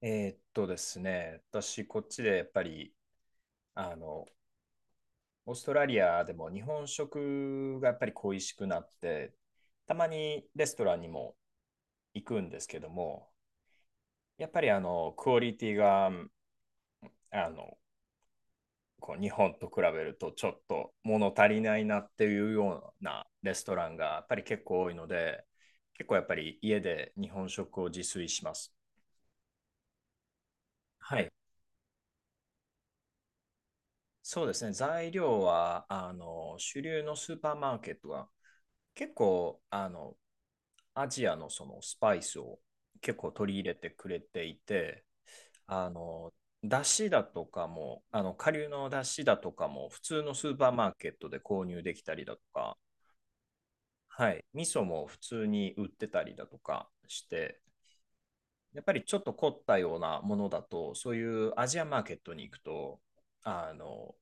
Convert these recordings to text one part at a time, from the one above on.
ですね、私、こっちでやっぱり、あの、オーストラリアでも日本食がやっぱり恋しくなって、たまにレストランにも行くんですけども、やっぱりクオリティが、あの、こう日本と比べるとちょっと物足りないなっていうようなレストランがやっぱり結構多いので、結構やっぱり家で日本食を自炊します。はそうですね、材料は主流のスーパーマーケットは結構アジアのそのスパイスを結構取り入れてくれていて、あのだしだとかも、顆粒のだしだとかも普通のスーパーマーケットで購入できたりだとか、はい、味噌も普通に売ってたりだとかして、やっぱりちょっと凝ったようなものだと、そういうアジアマーケットに行くと、あの、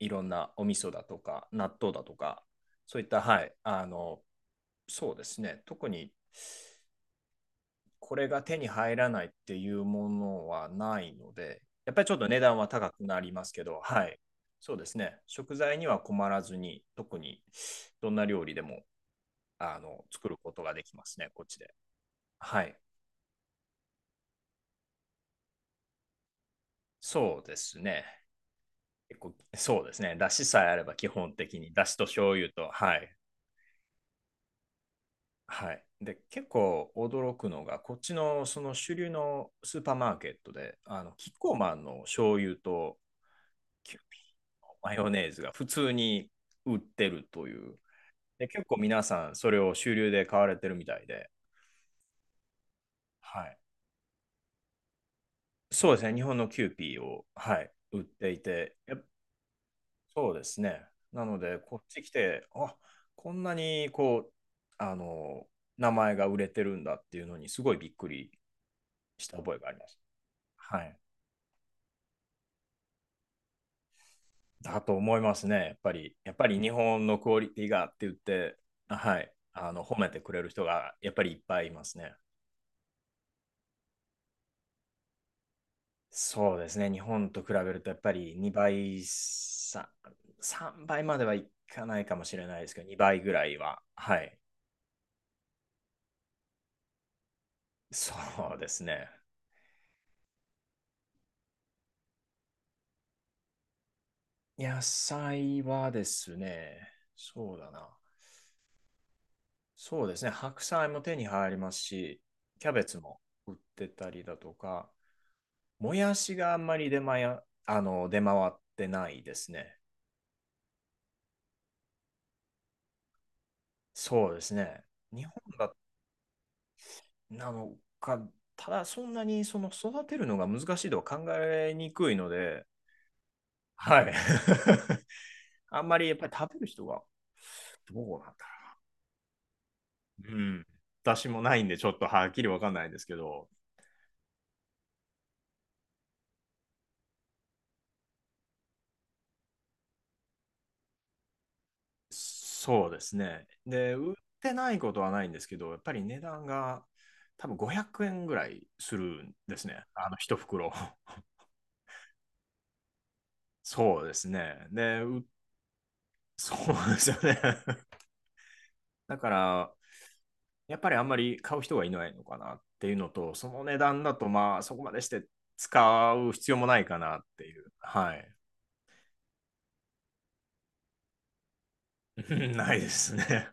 いろんなお味噌だとか、納豆だとか、そういった、はい、そうですね、特にこれが手に入らないっていうものはないので、やっぱりちょっと値段は高くなりますけど、はい、そうですね、食材には困らずに、特にどんな料理でも作ることができますね、こっちで。はい、そうですね。結構そうですね。だしさえあれば基本的に、だしと醤油と、はい。はい。で、結構驚くのが、こっちのその主流のスーパーマーケットで、キッコーマンの醤油とキューピーのマヨネーズが普通に売ってるという。で、結構皆さんそれを主流で買われてるみたいで、はい。そうですね。日本のキューピーを、はい、売っていて、そうですね。なので、こっち来て、あ、こんなにこう、あの、名前が売れてるんだっていうのに、すごいびっくりした覚えがあります。はい。だと思いますね。やっぱり日本のクオリティがって言って、はい。褒めてくれる人がやっぱりいっぱいいますね。そうですね。日本と比べると、やっぱり2倍、3倍まではいかないかもしれないですけど、2倍ぐらいは、はい。そうですね。野菜はですね、そうだな。そうですね、白菜も手に入りますし、キャベツも売ってたりだとか、もやしがあんまり出回や、あの、出回ってないですね。そうですね。日本だなのか、ただそんなにその育てるのが難しいとは考えにくいので、はい。あんまりやっぱり食べる人がどうなんだろう。うん。私もないんで、ちょっとはっきりわかんないんですけど、そうですね。で、売ってないことはないんですけど、やっぱり値段が多分500円ぐらいするんですね。一袋。そうですね。で、そうですよね。だから、やっぱりあんまり買う人がいないのかなっていうのと、その値段だと、まあ、そこまでして使う必要もないかなっていう。はい。ないですね。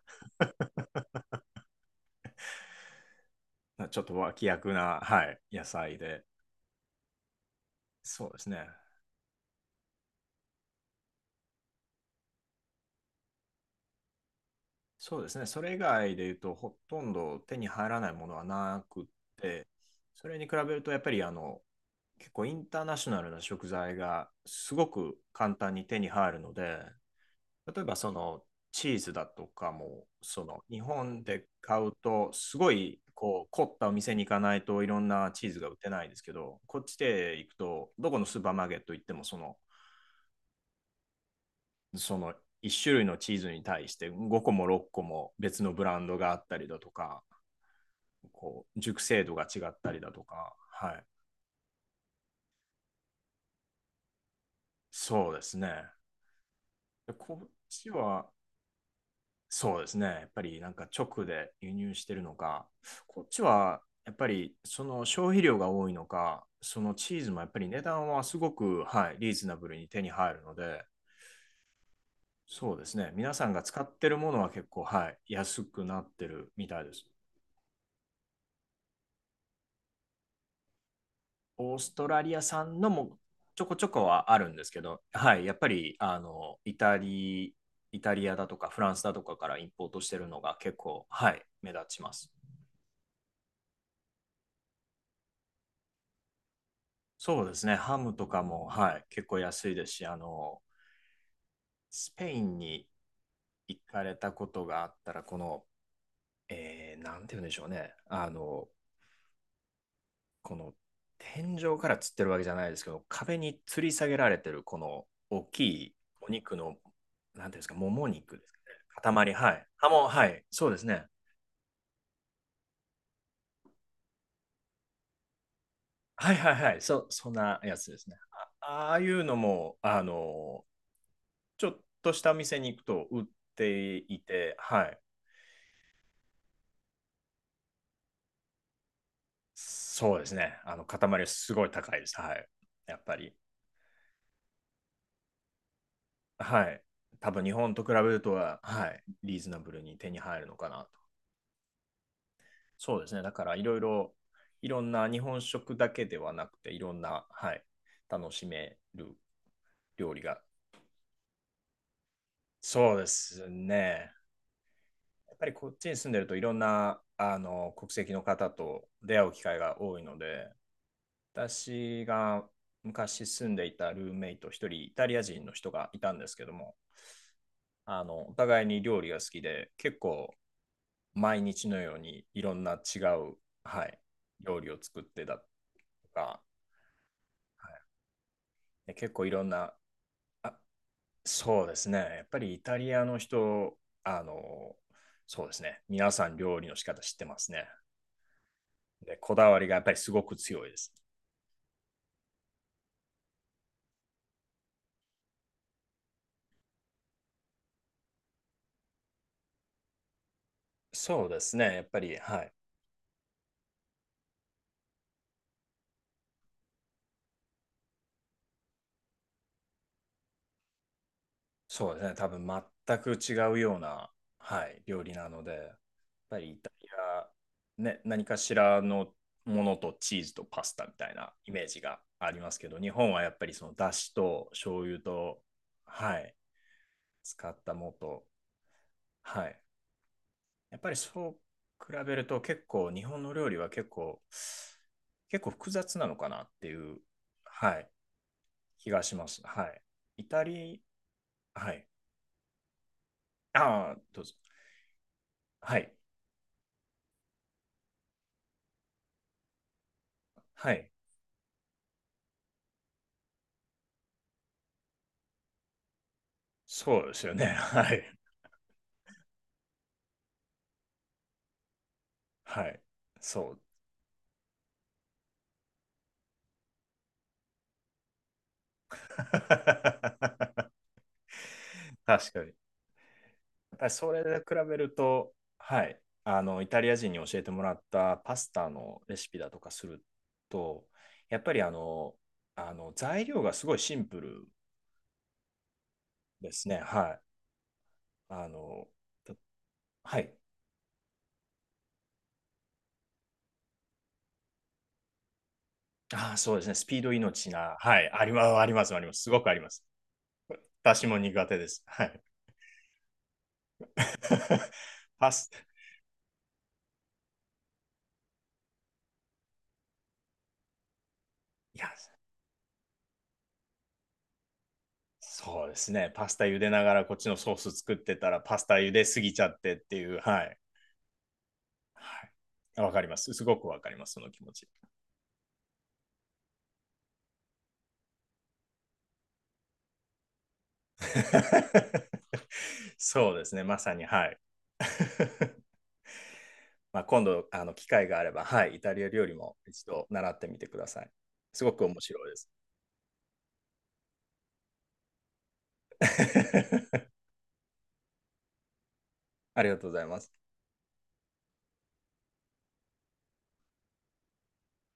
ちょっと脇役な、はい、野菜で。そうですね。そうですね。それ以外で言うと、ほとんど手に入らないものはなくって、それに比べると、やっぱり結構インターナショナルな食材がすごく簡単に手に入るので、例えばそのチーズだとかも、その日本で買うと、すごいこう凝ったお店に行かないといろんなチーズが売ってないんですけど、こっちで行くと、どこのスーパーマーケット行ってもその、1種類のチーズに対して5個も6個も別のブランドがあったりだとか、こう熟成度が違ったりだとか、はい、そうですね。でこっちは、そうですね、やっぱりなんか直で輸入してるのか、こっちはやっぱりその消費量が多いのか、そのチーズもやっぱり値段はすごく、はい、リーズナブルに手に入るので、そうですね、皆さんが使ってるものは結構、はい、安くなってるみたいです。オーストラリア産のもちょこちょこはあるんですけど、はい、やっぱりイタリアだとかフランスだとかからインポートしてるのが結構、はい、目立ちます。そうですね、ハムとかも、はい、結構安いですし、スペインに行かれたことがあったら、この、なんて言うんでしょうね、この天井から吊ってるわけじゃないですけど、壁に吊り下げられてるこの大きいお肉の、なんていうんですか、もも肉ですかね。塊、はい。あ、もう、はい、そうですね。はいはいはい、そんなやつですね。あ、ああいうのも、ちょっとした店に行くと売っていて、はい。そうですね。塊すごい高いです。はい。やっぱり。はい。多分日本と比べるとは、はい。リーズナブルに手に入るのかな。そうですね。だからいろんな日本食だけではなくて、いろんな、はい、楽しめる料理が。そうですね。やっぱりこっちに住んでるといろんな国籍の方と出会う機会が多いので、私が昔住んでいたルーメイト一人イタリア人の人がいたんですけども、お互いに料理が好きで、結構毎日のようにいろんな違う、はい、料理を作ってたとか、で結構いろんな、あ、そうですね。やっぱりイタリアの人、あの、そうですね。皆さん料理の仕方知ってますね。で、こだわりがやっぱりすごく強いです。そうですね。やっぱり、はい。そうですね。多分全く違うような、はい、料理なので、やっぱりイタリア、ね、何かしらのものとチーズとパスタみたいなイメージがありますけど、日本はやっぱりそのだしと醤油と、はい、使ったものと、はい、やっぱりそう比べると結構日本の料理は結構、複雑なのかなっていう、はい、気がします。はい。イタリア、はい。ああ、どうぞ。はい。はい。そうですよね。はい。はい。そう。確かに。やっぱりそれで比べると、はい。イタリア人に教えてもらったパスタのレシピだとかすると、やっぱり材料がすごいシンプルですね。はい。あの、たはい。ああ、そうですね。スピード命な。はい。あります、あります、あります。すごくあります。私も苦手です。はい。パス、いや、そうですね。パスタ茹でながらこっちのソース作ってたら、パスタ茹ですぎちゃってっていう、はい。はい。わかります。すごくわかります、その気持ち。そうですね。まさに、はい。まあ、今度機会があれば、はい、イタリア料理も一度習ってみてください。すごく面白いです。ありがとうございます。